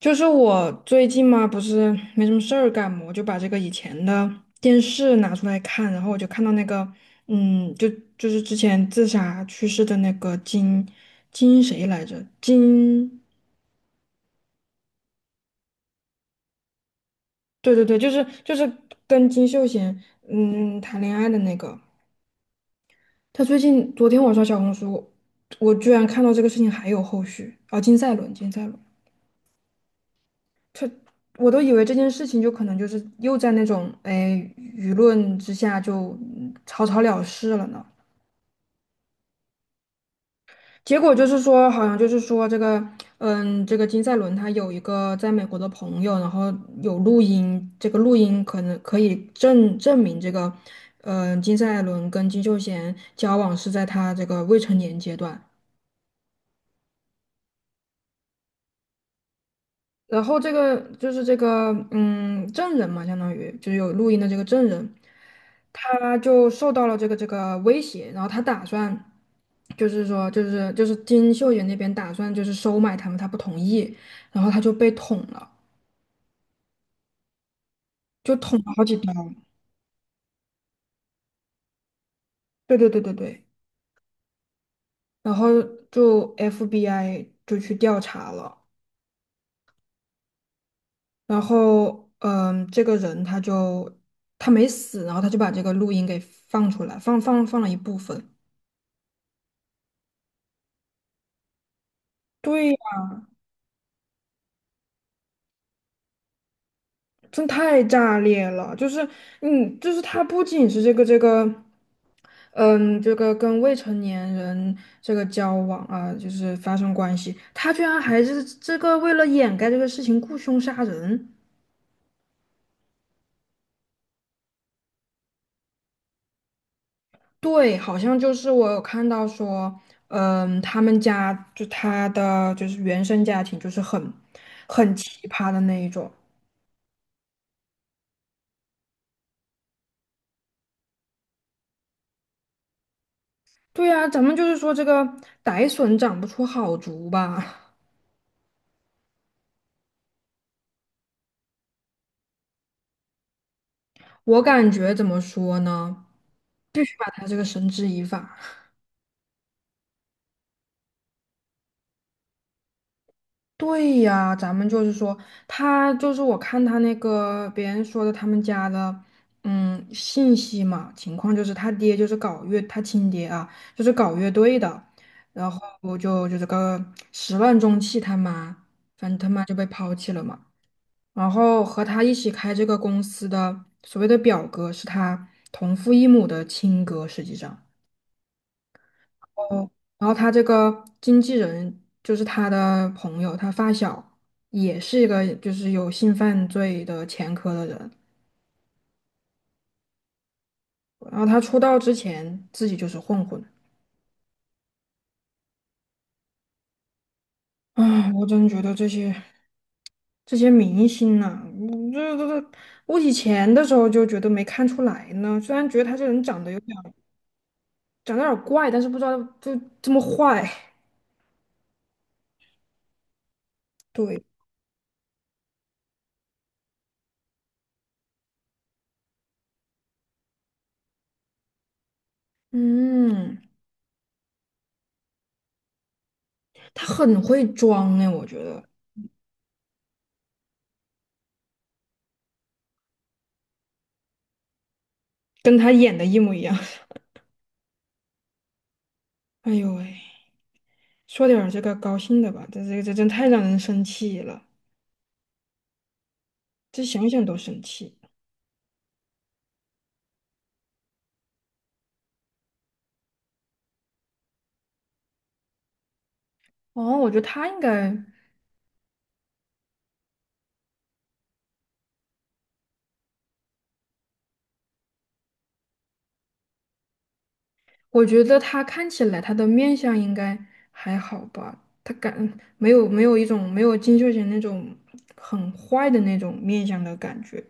就是我最近嘛，不是没什么事儿干嘛，我就把这个以前的电视拿出来看，然后我就看到那个，嗯，就就是之前自杀去世的那个金谁来着？金，对，就是跟金秀贤谈恋爱的那个，他最近昨天我刷小红书，我居然看到这个事情还有后续，啊，金赛纶，金赛纶。我都以为这件事情就可能就是又在那种哎舆论之下就草草了事了呢。结果就是说，好像就是说这个，嗯，这个金赛纶他有一个在美国的朋友，然后有录音，这个录音可能可以证明这个，嗯，金赛纶跟金秀贤交往是在他这个未成年阶段。然后这个就是这个证人嘛，相当于就是有录音的这个证人，他就受到了这个威胁，然后他打算就是说就是金秀贤那边打算就是收买他们，他不同意，然后他就被捅了，就捅了好几刀。对对对对对，然后就 FBI 就去调查了，然后这个人他就他没死，然后他就把这个录音给放出来，放了一部分。对，真太炸裂了！就是，嗯，就是他不仅是这个，嗯，这个跟未成年人这个交往啊，就是发生关系，他居然还是这个为了掩盖这个事情雇凶杀人。对，好像就是我有看到说，嗯，他们家就他的就是原生家庭就是很奇葩的那一种。对呀，咱们就是说这个歹笋长不出好竹吧。我感觉怎么说呢？必须把他这个绳之以法。对呀，咱们就是说，他就是我看他那个别人说的他们家的，嗯，信息嘛，情况就是他爹就是搞乐，他亲爹啊，就是搞乐队的，然后我就就这个始乱终弃，他妈，反正他妈就被抛弃了嘛。然后和他一起开这个公司的所谓的表哥是他同父异母的亲哥，实际上。哦，然后他这个经纪人就是他的朋友，他发小也是一个就是有性犯罪的前科的人。然后他出道之前自己就是混混。啊，我真觉得这些这些明星呐、嗯这这这，我以前的时候就觉得没看出来呢，虽然觉得他这人长得有点长得有点怪，但是不知道就这么坏。对，嗯，他很会装哎，我觉得跟他演的一模一样。哎呦喂！说点儿这个高兴的吧，这这这真太让人生气了，这想想都生气。哦，我觉得他应该，我觉得他看起来他的面相应该还好吧，没有金秀贤那种很坏的那种面相的感觉。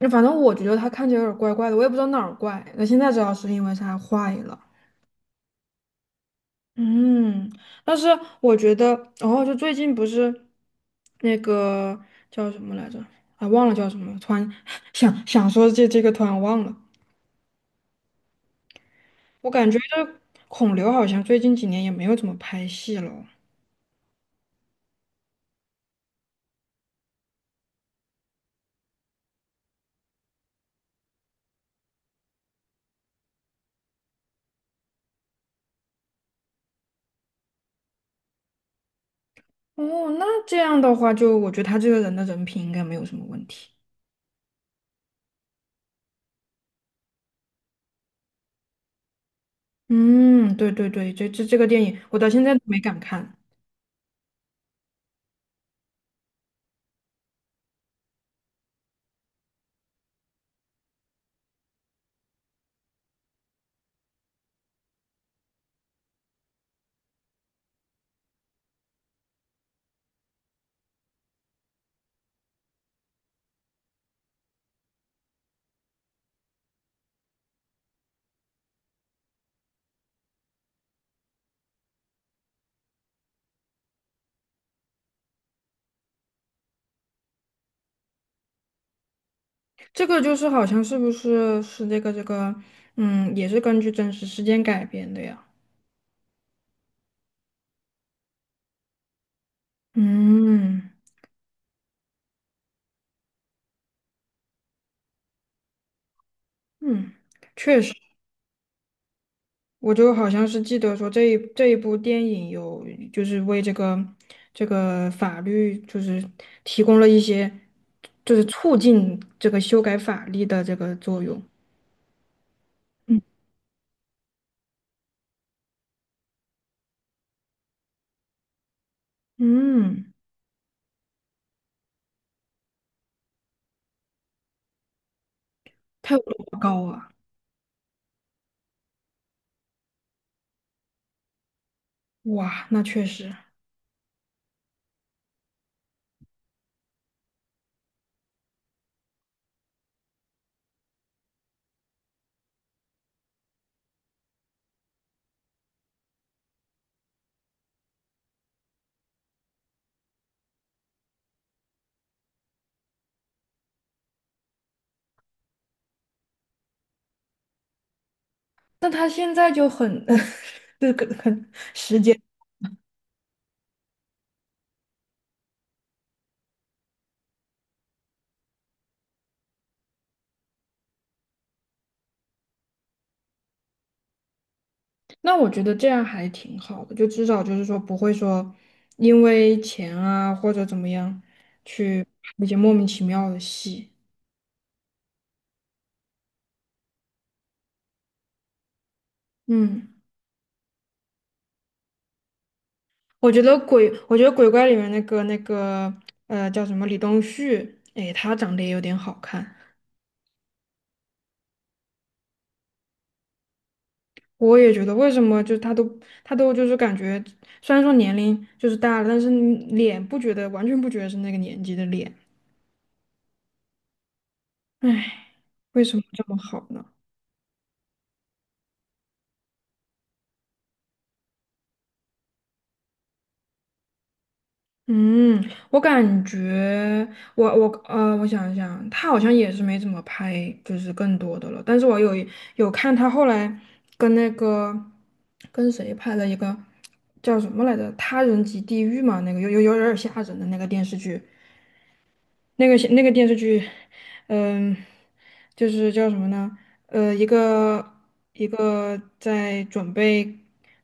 那反正我觉得他看起来有点怪怪的，我也不知道哪儿怪。那现在知道是因为他坏了。嗯，但是我觉得，哦，就最近不是那个叫什么来着？啊，忘了叫什么了突然 想想说这这个，突然忘了。我感觉这孔刘好像最近几年也没有怎么拍戏了。哦，那这样的话就，我觉得他这个人的人品应该没有什么问题。嗯，这这这个电影我到现在都没敢看。这个就是好像是这个这个，嗯，也是根据真实事件改编的呀。嗯。嗯，确实，我就好像是记得说这一部电影有就是为这个这个法律就是提供了一些就是促进这个修改法律的这个作用。嗯，它有多高啊？哇，那确实。那他现在就很 这个很时间，那我觉得这样还挺好的，就至少就是说不会说因为钱啊或者怎么样去拍一些莫名其妙的戏。嗯，我觉得鬼，我觉得鬼怪里面那个呃叫什么李东旭，哎，他长得也有点好看。我也觉得，为什么就他都就是感觉，虽然说年龄就是大了，但是你脸不觉得完全不觉得是那个年纪的脸，哎，为什么这么好呢？嗯，我感觉我想一想，他好像也是没怎么拍，就是更多的了。但是我有一有看他后来跟那个跟谁拍了一个叫什么来着，《他人及地狱》嘛，那个有点吓人的那个电视剧。那个电视剧，嗯，就是叫什么呢？呃，一个在准备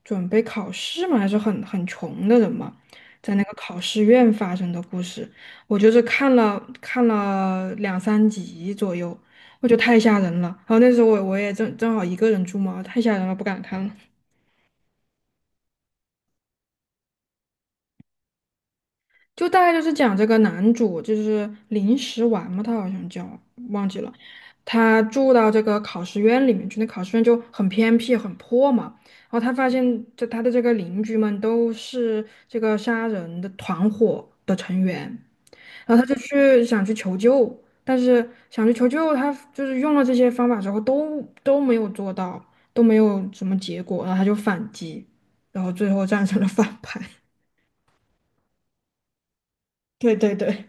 准备考试嘛，还是很穷的人嘛，在那个考试院发生的故事，我就是看了两三集左右，我觉得太吓人了。然后那时候我也正好一个人住嘛，太吓人了，不敢看了。就大概就是讲这个男主就是临时丸嘛，他好像叫忘记了，他住到这个考试院里面去，那考试院就很偏僻很破嘛，然后他发现这他的这个邻居们都是这个杀人的团伙的成员，然后他就去想去求救，但是想去求救，他就是用了这些方法之后都没有做到，都没有什么结果，然后他就反击，然后最后战成了反派。对对对。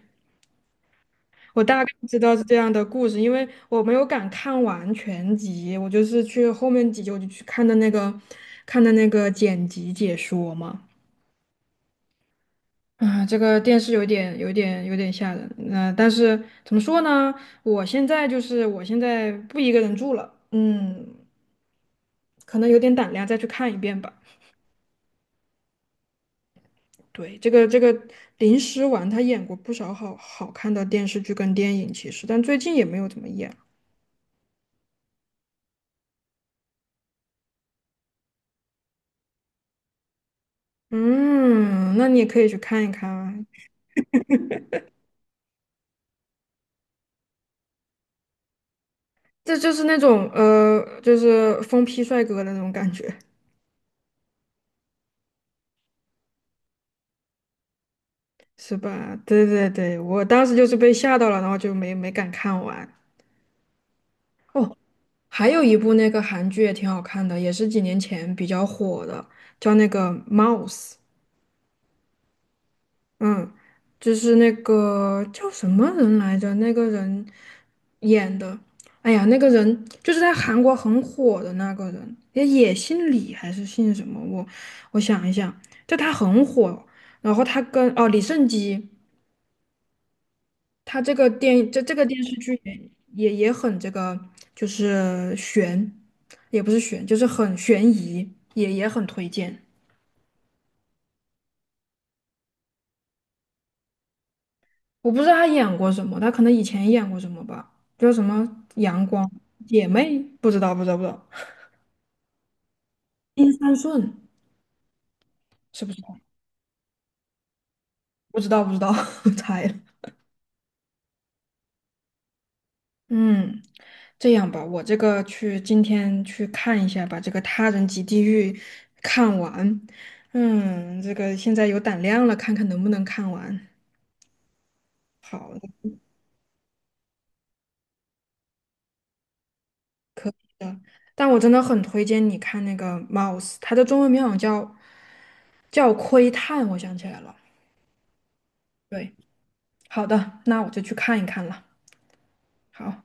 我大概知道是这样的故事，因为我没有敢看完全集，我就是去后面几集我就去看的那个，看的那个剪辑解说嘛。啊，这个电视有点、有点、有点吓人。那、但是怎么说呢？我现在不一个人住了，嗯，可能有点胆量再去看一遍吧。对，这个这个林诗婉她演过不少好看的电视剧跟电影，其实，但最近也没有怎么演。嗯，那你也可以去看一看啊。这就是那种呃，就是疯批帅哥的那种感觉，是吧？对对对，我当时就是被吓到了，然后就没敢看完。哦，还有一部那个韩剧也挺好看的，也是几年前比较火的，叫那个《Mouse》。嗯，就是那个叫什么人来着？那个人演的，哎呀，那个人就是在韩国很火的那个人，也姓李还是姓什么？我想一想，就他很火，然后他跟哦李胜基，他这个电这这个电视剧也很这个，就是悬，也不是悬，就是很悬疑，也很推荐。我不知道他演过什么，他可能以前演过什么吧，叫什么《阳光姐妹》，不知道，不知道，不知道，《金三顺》是不是他？不知道，不知道，猜了。嗯，这样吧，我这个去今天去看一下，把这个《他人及地狱》看完。嗯，这个现在有胆量了，看看能不能看完。好的，但我真的很推荐你看那个《Mouse》，它的中文名好像叫叫窥探，我想起来了。对。好的，那我就去看一看了。好。